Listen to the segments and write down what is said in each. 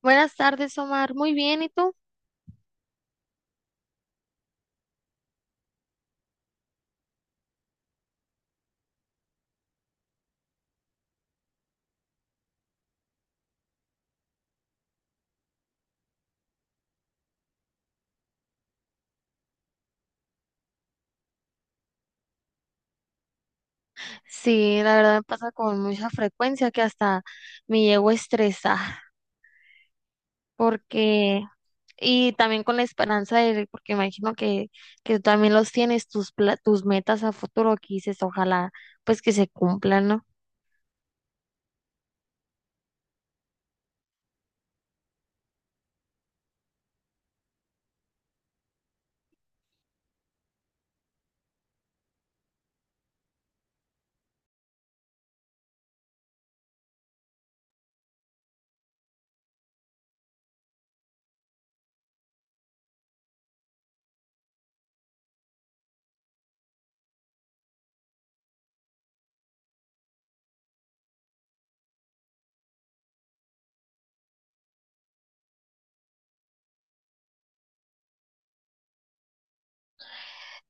Buenas tardes, Omar. Muy bien, ¿y tú? Sí, la verdad me pasa con mucha frecuencia que hasta me llego a estresar porque y también con la esperanza de porque imagino que tú también los tienes tus metas a futuro que dices, ojalá pues que se cumplan, ¿no?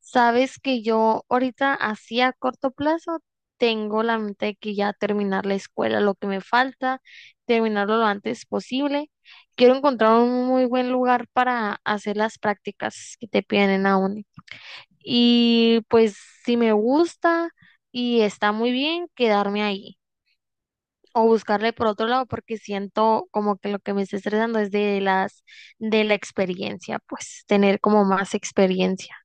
Sabes que yo ahorita así a corto plazo tengo la mente de que ya terminar la escuela, lo que me falta, terminarlo lo antes posible. Quiero encontrar un muy buen lugar para hacer las prácticas que te piden en la uni. Y pues si me gusta y está muy bien, quedarme ahí o buscarle por otro lado porque siento como que lo que me está estresando es de la experiencia, pues tener como más experiencia.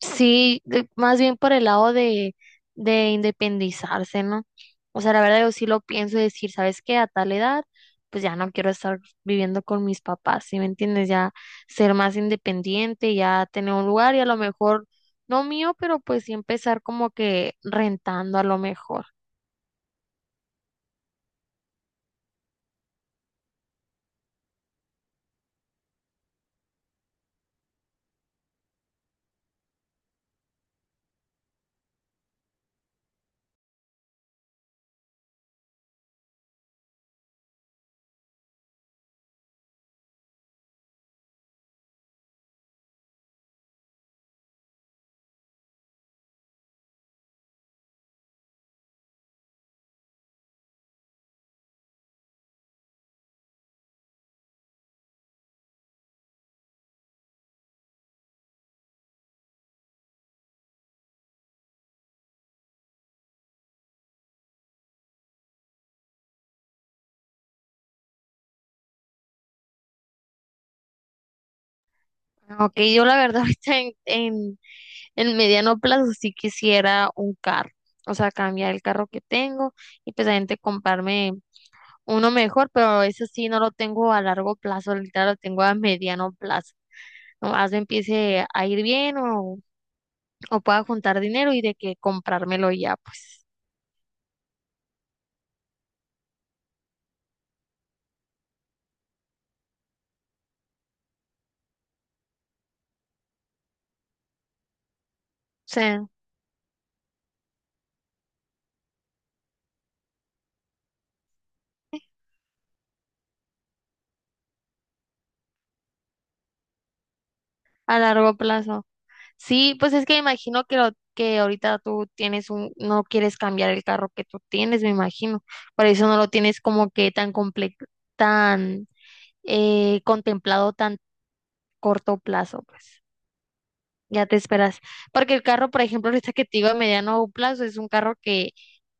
Más bien por el lado de independizarse, ¿no? O sea, la verdad yo sí lo pienso y decir, ¿sabes qué? A tal edad, pues ya no quiero estar viviendo con mis papás, ¿sí me entiendes? Ya ser más independiente, ya tener un lugar y a lo mejor, no mío, pero pues sí empezar como que rentando a lo mejor. Aunque yo la verdad ahorita en mediano plazo sí quisiera un carro, o sea, cambiar el carro que tengo y pues a gente comprarme uno mejor, pero eso sí no lo tengo a largo plazo, literal lo tengo a mediano plazo. Nomás me empiece a ir o pueda juntar dinero y de que comprármelo ya, pues, o sea, a largo plazo. Sí, pues es que imagino que lo que ahorita tú tienes un, no quieres cambiar el carro que tú tienes, me imagino. Por eso no lo tienes como que tan contemplado tan corto plazo, pues. Ya te esperas. Porque el carro, por ejemplo, ahorita que te digo a mediano plazo, es un carro que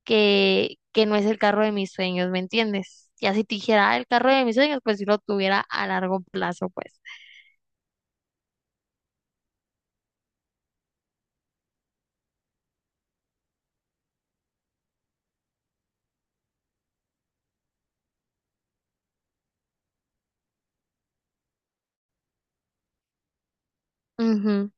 que, que no es el carro de mis sueños, ¿me entiendes? Ya si te dijera "Ah, el carro de mis sueños, pues si lo tuviera a largo plazo, pues". Ujú.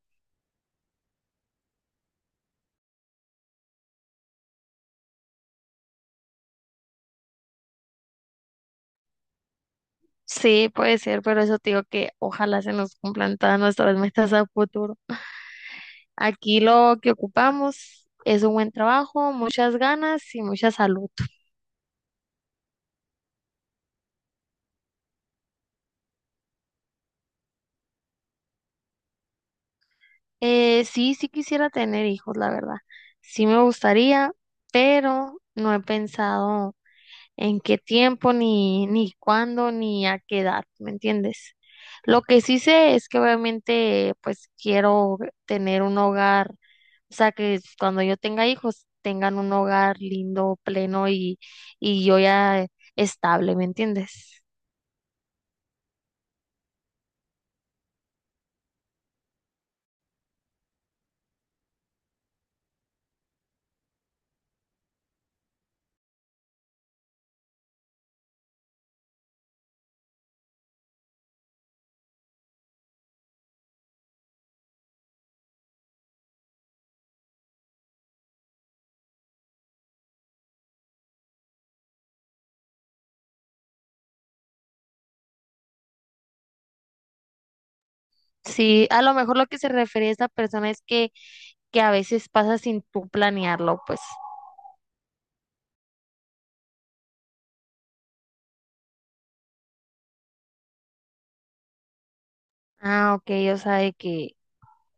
Sí, puede ser, pero eso te digo que ojalá se nos cumplan todas nuestras metas a futuro. Aquí lo que ocupamos es un buen trabajo, muchas ganas y mucha salud. Sí, sí quisiera tener hijos, la verdad. Sí me gustaría, pero no he pensado en qué tiempo, ni cuándo, ni a qué edad, ¿me entiendes? Lo que sí sé es que obviamente pues quiero tener un hogar, o sea, que cuando yo tenga hijos tengan un hogar lindo, pleno y yo ya estable, ¿me entiendes? Sí, a lo mejor lo que se refiere a esa persona es que a veces pasa sin tú planearlo, pues. Ah, ok, o sea, de que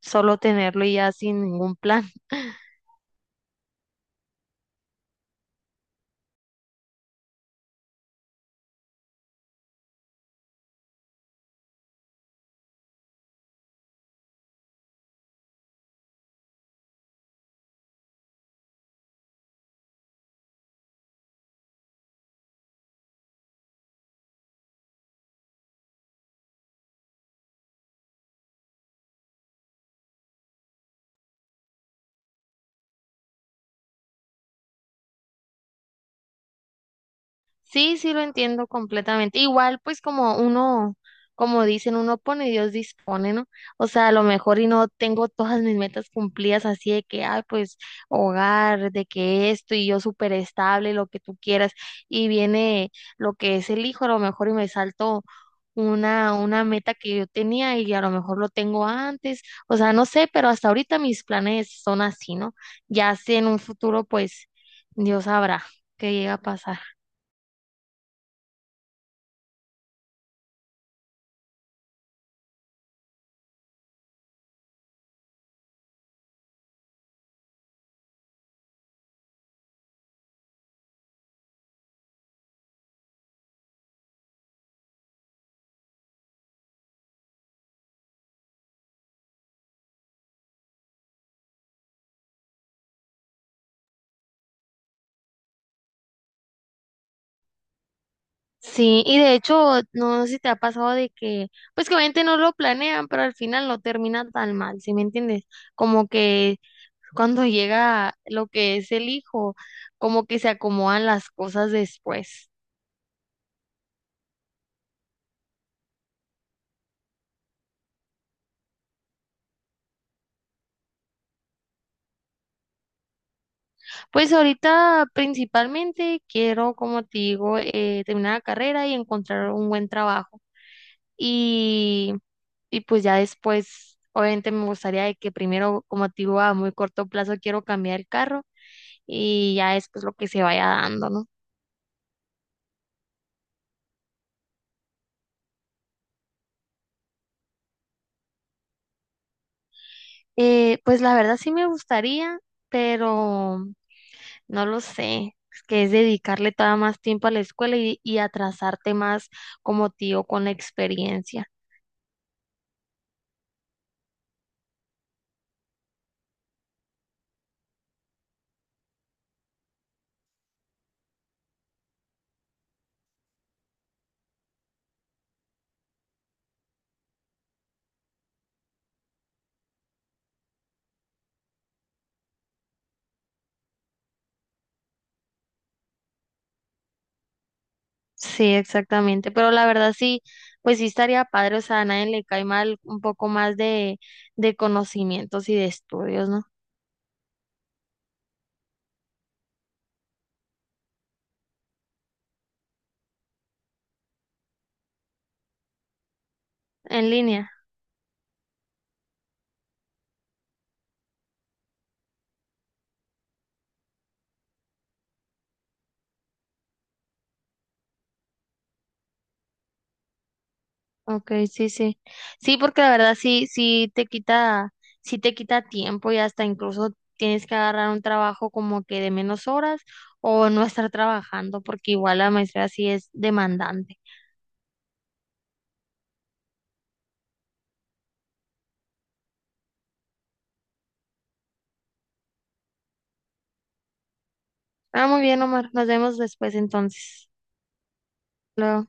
solo tenerlo y ya sin ningún plan. Sí, sí lo entiendo completamente. Igual, pues como uno, como dicen, uno pone y Dios dispone, ¿no? O sea, a lo mejor y no tengo todas mis metas cumplidas así de que, ay, pues hogar, de que esto y yo súper estable, lo que tú quieras, y viene lo que es el hijo, a lo mejor y me salto una meta que yo tenía y a lo mejor lo tengo antes, o sea, no sé, pero hasta ahorita mis planes son así, ¿no? Ya sé en un futuro, pues Dios sabrá qué llega a pasar. Sí, y de hecho, no sé si te ha pasado de que, pues que obviamente no lo planean, pero al final no termina tan mal, ¿sí me entiendes? Como que cuando llega lo que es el hijo, como que se acomodan las cosas después. Pues ahorita principalmente quiero, como te digo, terminar la carrera y encontrar un buen trabajo. Y, y pues ya después, obviamente me gustaría de que primero, como te digo, a muy corto plazo quiero cambiar el carro y ya es pues lo que se vaya dando, ¿no? Pues la verdad sí me gustaría, pero no lo sé. Es que es dedicarle todavía más tiempo a la escuela y atrasarte más como tío con la experiencia. Sí, exactamente. Pero la verdad sí, pues sí estaría padre, o sea, a nadie le cae mal un poco más de conocimientos y de estudios, ¿no? En línea. Ok, sí, sí. Sí, porque la verdad sí, sí te quita tiempo y hasta incluso tienes que agarrar un trabajo como que de menos horas o no estar trabajando, porque igual la maestría sí es demandante. Ah, muy bien, Omar. Nos vemos después entonces. Luego.